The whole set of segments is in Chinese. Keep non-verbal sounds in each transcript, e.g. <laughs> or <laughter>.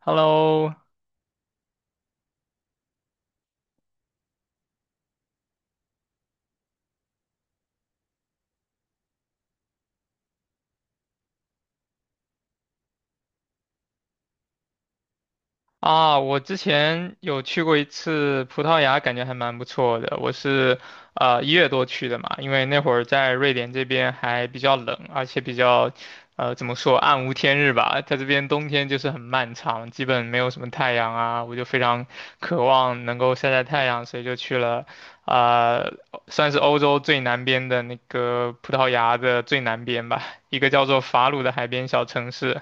Hello，啊，我之前有去过一次葡萄牙，感觉还蛮不错的。我是一月多去的嘛，因为那会儿在瑞典这边还比较冷，而且比较怎么说暗无天日吧，在这边冬天就是很漫长，基本没有什么太阳啊，我就非常渴望能够晒晒太阳，所以就去了呃算是欧洲最南边的那个葡萄牙的最南边吧，一个叫做法鲁的海边小城市。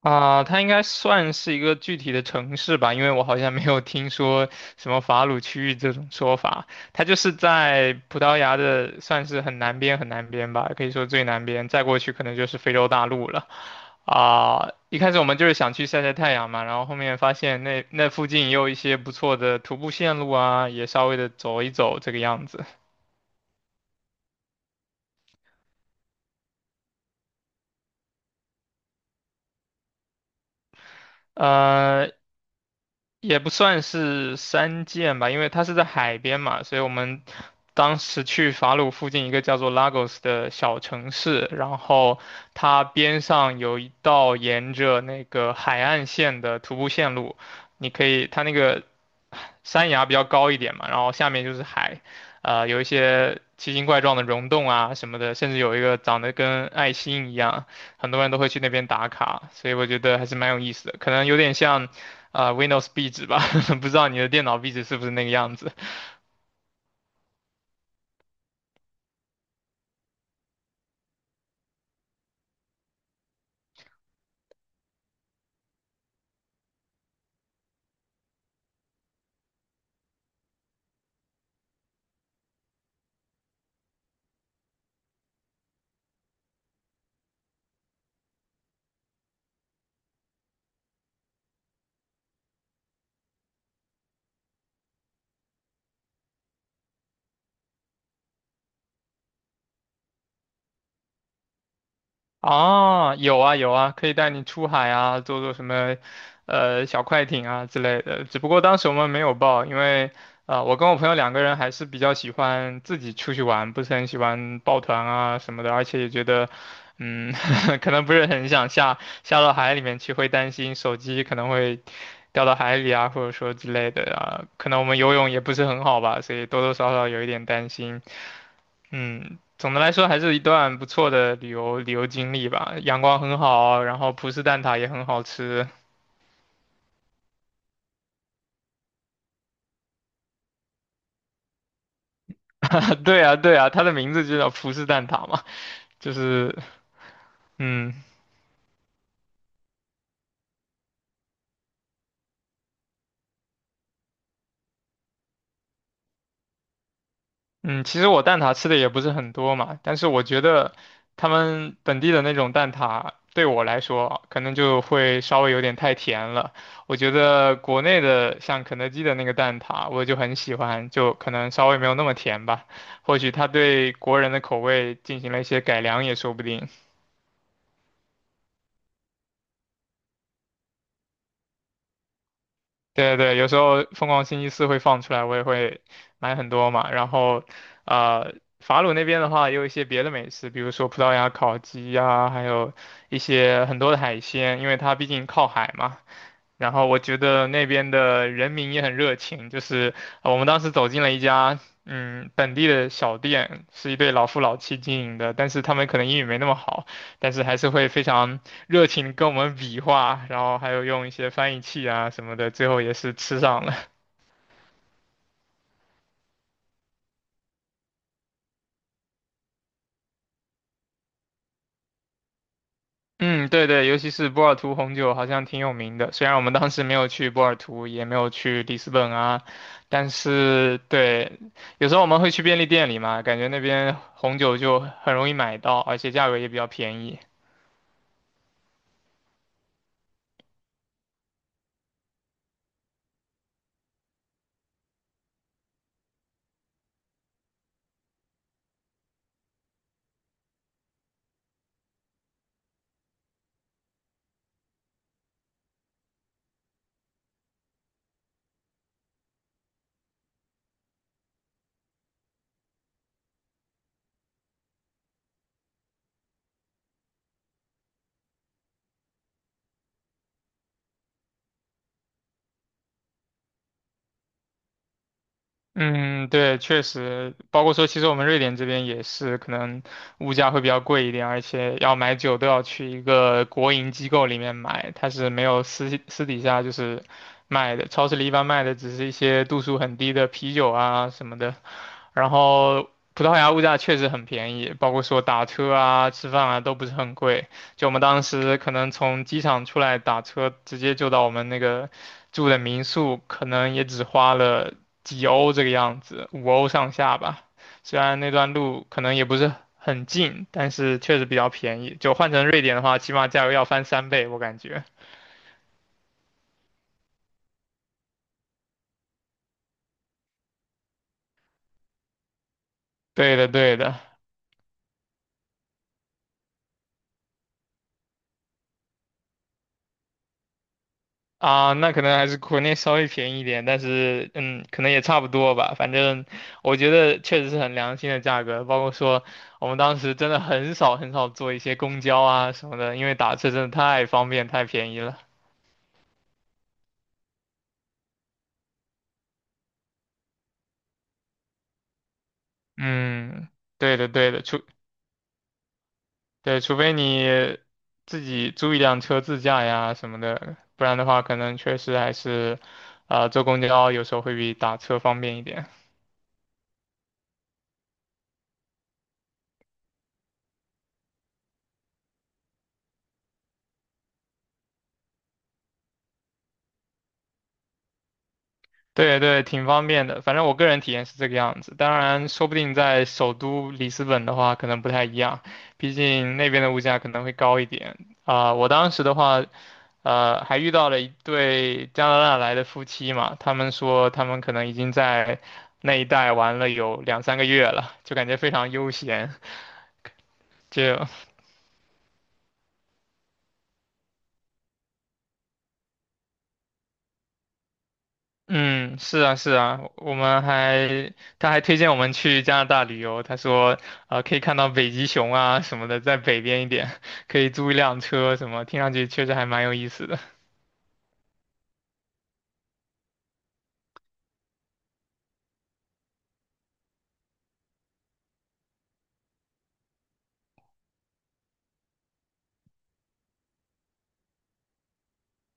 啊，它应该算是一个具体的城市吧，因为我好像没有听说什么法鲁区域这种说法。它就是在葡萄牙的，算是很南边很南边吧，可以说最南边，再过去可能就是非洲大陆了。啊，一开始我们就是想去晒晒太阳嘛，然后后面发现那附近也有一些不错的徒步线路啊，也稍微的走一走这个样子。呃，也不算是山涧吧，因为它是在海边嘛，所以我们当时去法鲁附近一个叫做 Lagos 的小城市，然后它边上有一道沿着那个海岸线的徒步线路，你可以，它那个山崖比较高一点嘛，然后下面就是海，有一些奇形怪状的溶洞啊什么的，甚至有一个长得跟爱心一样，很多人都会去那边打卡，所以我觉得还是蛮有意思的，可能有点像。啊、w i n d o w s 壁纸吧，<laughs> 不知道你的电脑壁纸是不是那个样子。啊？有啊有啊，可以带你出海啊，坐坐什么小快艇啊之类的。只不过当时我们没有报，因为啊、我跟我朋友两个人还是比较喜欢自己出去玩，不是很喜欢抱团啊什么的，而且也觉得。嗯，<laughs> 可能不是很想下到海里面去，会担心手机可能会掉到海里啊，或者说之类的啊。可能我们游泳也不是很好吧，所以多多少少有一点担心。嗯，总的来说还是一段不错的旅游经历吧。阳光很好，然后葡式蛋挞也很好吃。<laughs> 对啊，对啊，它的名字就叫葡式蛋挞嘛，就是。嗯，嗯，其实我蛋挞吃的也不是很多嘛，但是我觉得他们本地的那种蛋挞对我来说可能就会稍微有点太甜了。我觉得国内的像肯德基的那个蛋挞，我就很喜欢，就可能稍微没有那么甜吧。或许他对国人的口味进行了一些改良也说不定。对对，有时候疯狂星期四会放出来，我也会买很多嘛。然后，呃，法鲁那边的话也有一些别的美食，比如说葡萄牙烤鸡呀、还有一些很多的海鲜，因为它毕竟靠海嘛。然后我觉得那边的人民也很热情，就是我们当时走进了一家本地的小店，是一对老夫老妻经营的，但是他们可能英语没那么好，但是还是会非常热情地跟我们比划，然后还有用一些翻译器啊什么的，最后也是吃上了。嗯，对对，尤其是波尔图红酒好像挺有名的，虽然我们当时没有去波尔图，也没有去里斯本啊，但是对，有时候我们会去便利店里嘛，感觉那边红酒就很容易买到，而且价格也比较便宜。嗯，对，确实，包括说，其实我们瑞典这边也是，可能物价会比较贵一点，而且要买酒都要去一个国营机构里面买，它是没有私底下就是卖的，超市里一般卖的只是一些度数很低的啤酒啊什么的。然后葡萄牙物价确实很便宜，包括说打车啊、吃饭啊都不是很贵。就我们当时可能从机场出来打车，直接就到我们那个住的民宿，可能也只花了几欧这个样子，五欧上下吧。虽然那段路可能也不是很近，但是确实比较便宜。就换成瑞典的话，起码价格要翻三倍，我感觉。对的，对的。啊，那可能还是国内稍微便宜一点，但是可能也差不多吧。反正我觉得确实是很良心的价格，包括说我们当时真的很少很少坐一些公交啊什么的，因为打车真的太方便太便宜了。嗯，对的对的，对，除非你自己租一辆车自驾呀什么的，不然的话可能确实还是坐公交有时候会比打车方便一点。对对，挺方便的。反正我个人体验是这个样子，当然，说不定在首都里斯本的话，可能不太一样，毕竟那边的物价可能会高一点。啊、我当时的话，还遇到了一对加拿大来的夫妻嘛，他们说他们可能已经在那一带玩了有两三个月了，就感觉非常悠闲，就嗯，是啊，是啊，我们还，他还推荐我们去加拿大旅游，他说，可以看到北极熊啊什么的，在北边一点，<laughs> 可以租一辆车什么，听上去确实还蛮有意思的。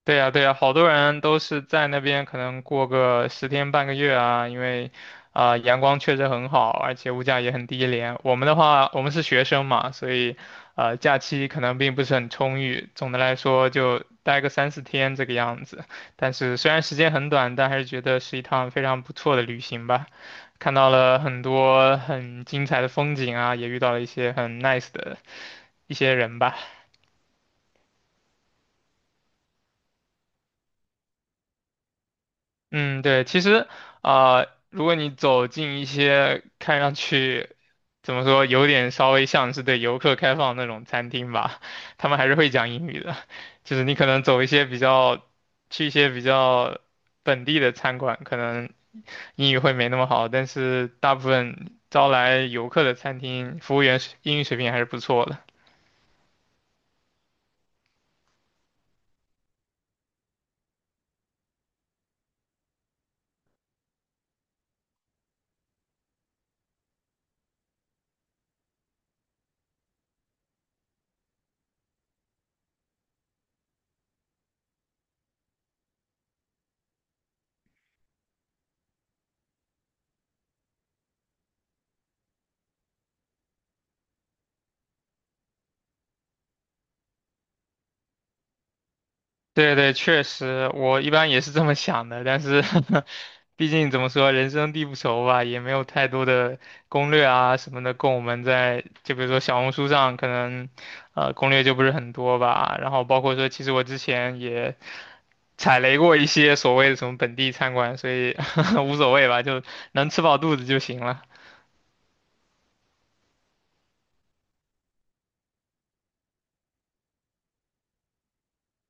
对呀，对呀，好多人都是在那边可能过个十天半个月啊，因为啊、阳光确实很好，而且物价也很低廉。我们的话，我们是学生嘛，所以假期可能并不是很充裕，总的来说就待个三四天这个样子。但是虽然时间很短，但还是觉得是一趟非常不错的旅行吧。看到了很多很精彩的风景啊，也遇到了一些很 nice 的一些人吧。嗯，对，其实啊、如果你走进一些看上去怎么说，有点稍微像是对游客开放的那种餐厅吧，<laughs> 他们还是会讲英语的。就是你可能走一些比较，去一些比较本地的餐馆，可能英语会没那么好，但是大部分招来游客的餐厅，服务员英语水平还是不错的。对对，确实，我一般也是这么想的，但是 <laughs> 毕竟怎么说，人生地不熟吧，也没有太多的攻略啊什么的供我们在，就比如说小红书上可能，攻略就不是很多吧。然后包括说，其实我之前也踩雷过一些所谓的什么本地餐馆，所以 <laughs> 无所谓吧，就能吃饱肚子就行了。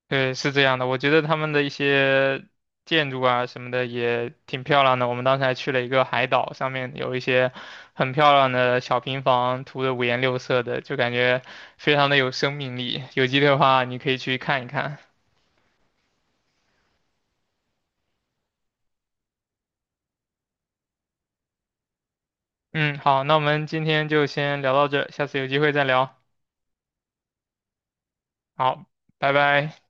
对，是这样的，我觉得他们的一些建筑啊什么的也挺漂亮的。我们当时还去了一个海岛，上面有一些很漂亮的小平房，涂的五颜六色的，就感觉非常的有生命力。有机会的话，你可以去看一看。嗯，好，那我们今天就先聊到这儿下次有机会再聊。好，拜拜。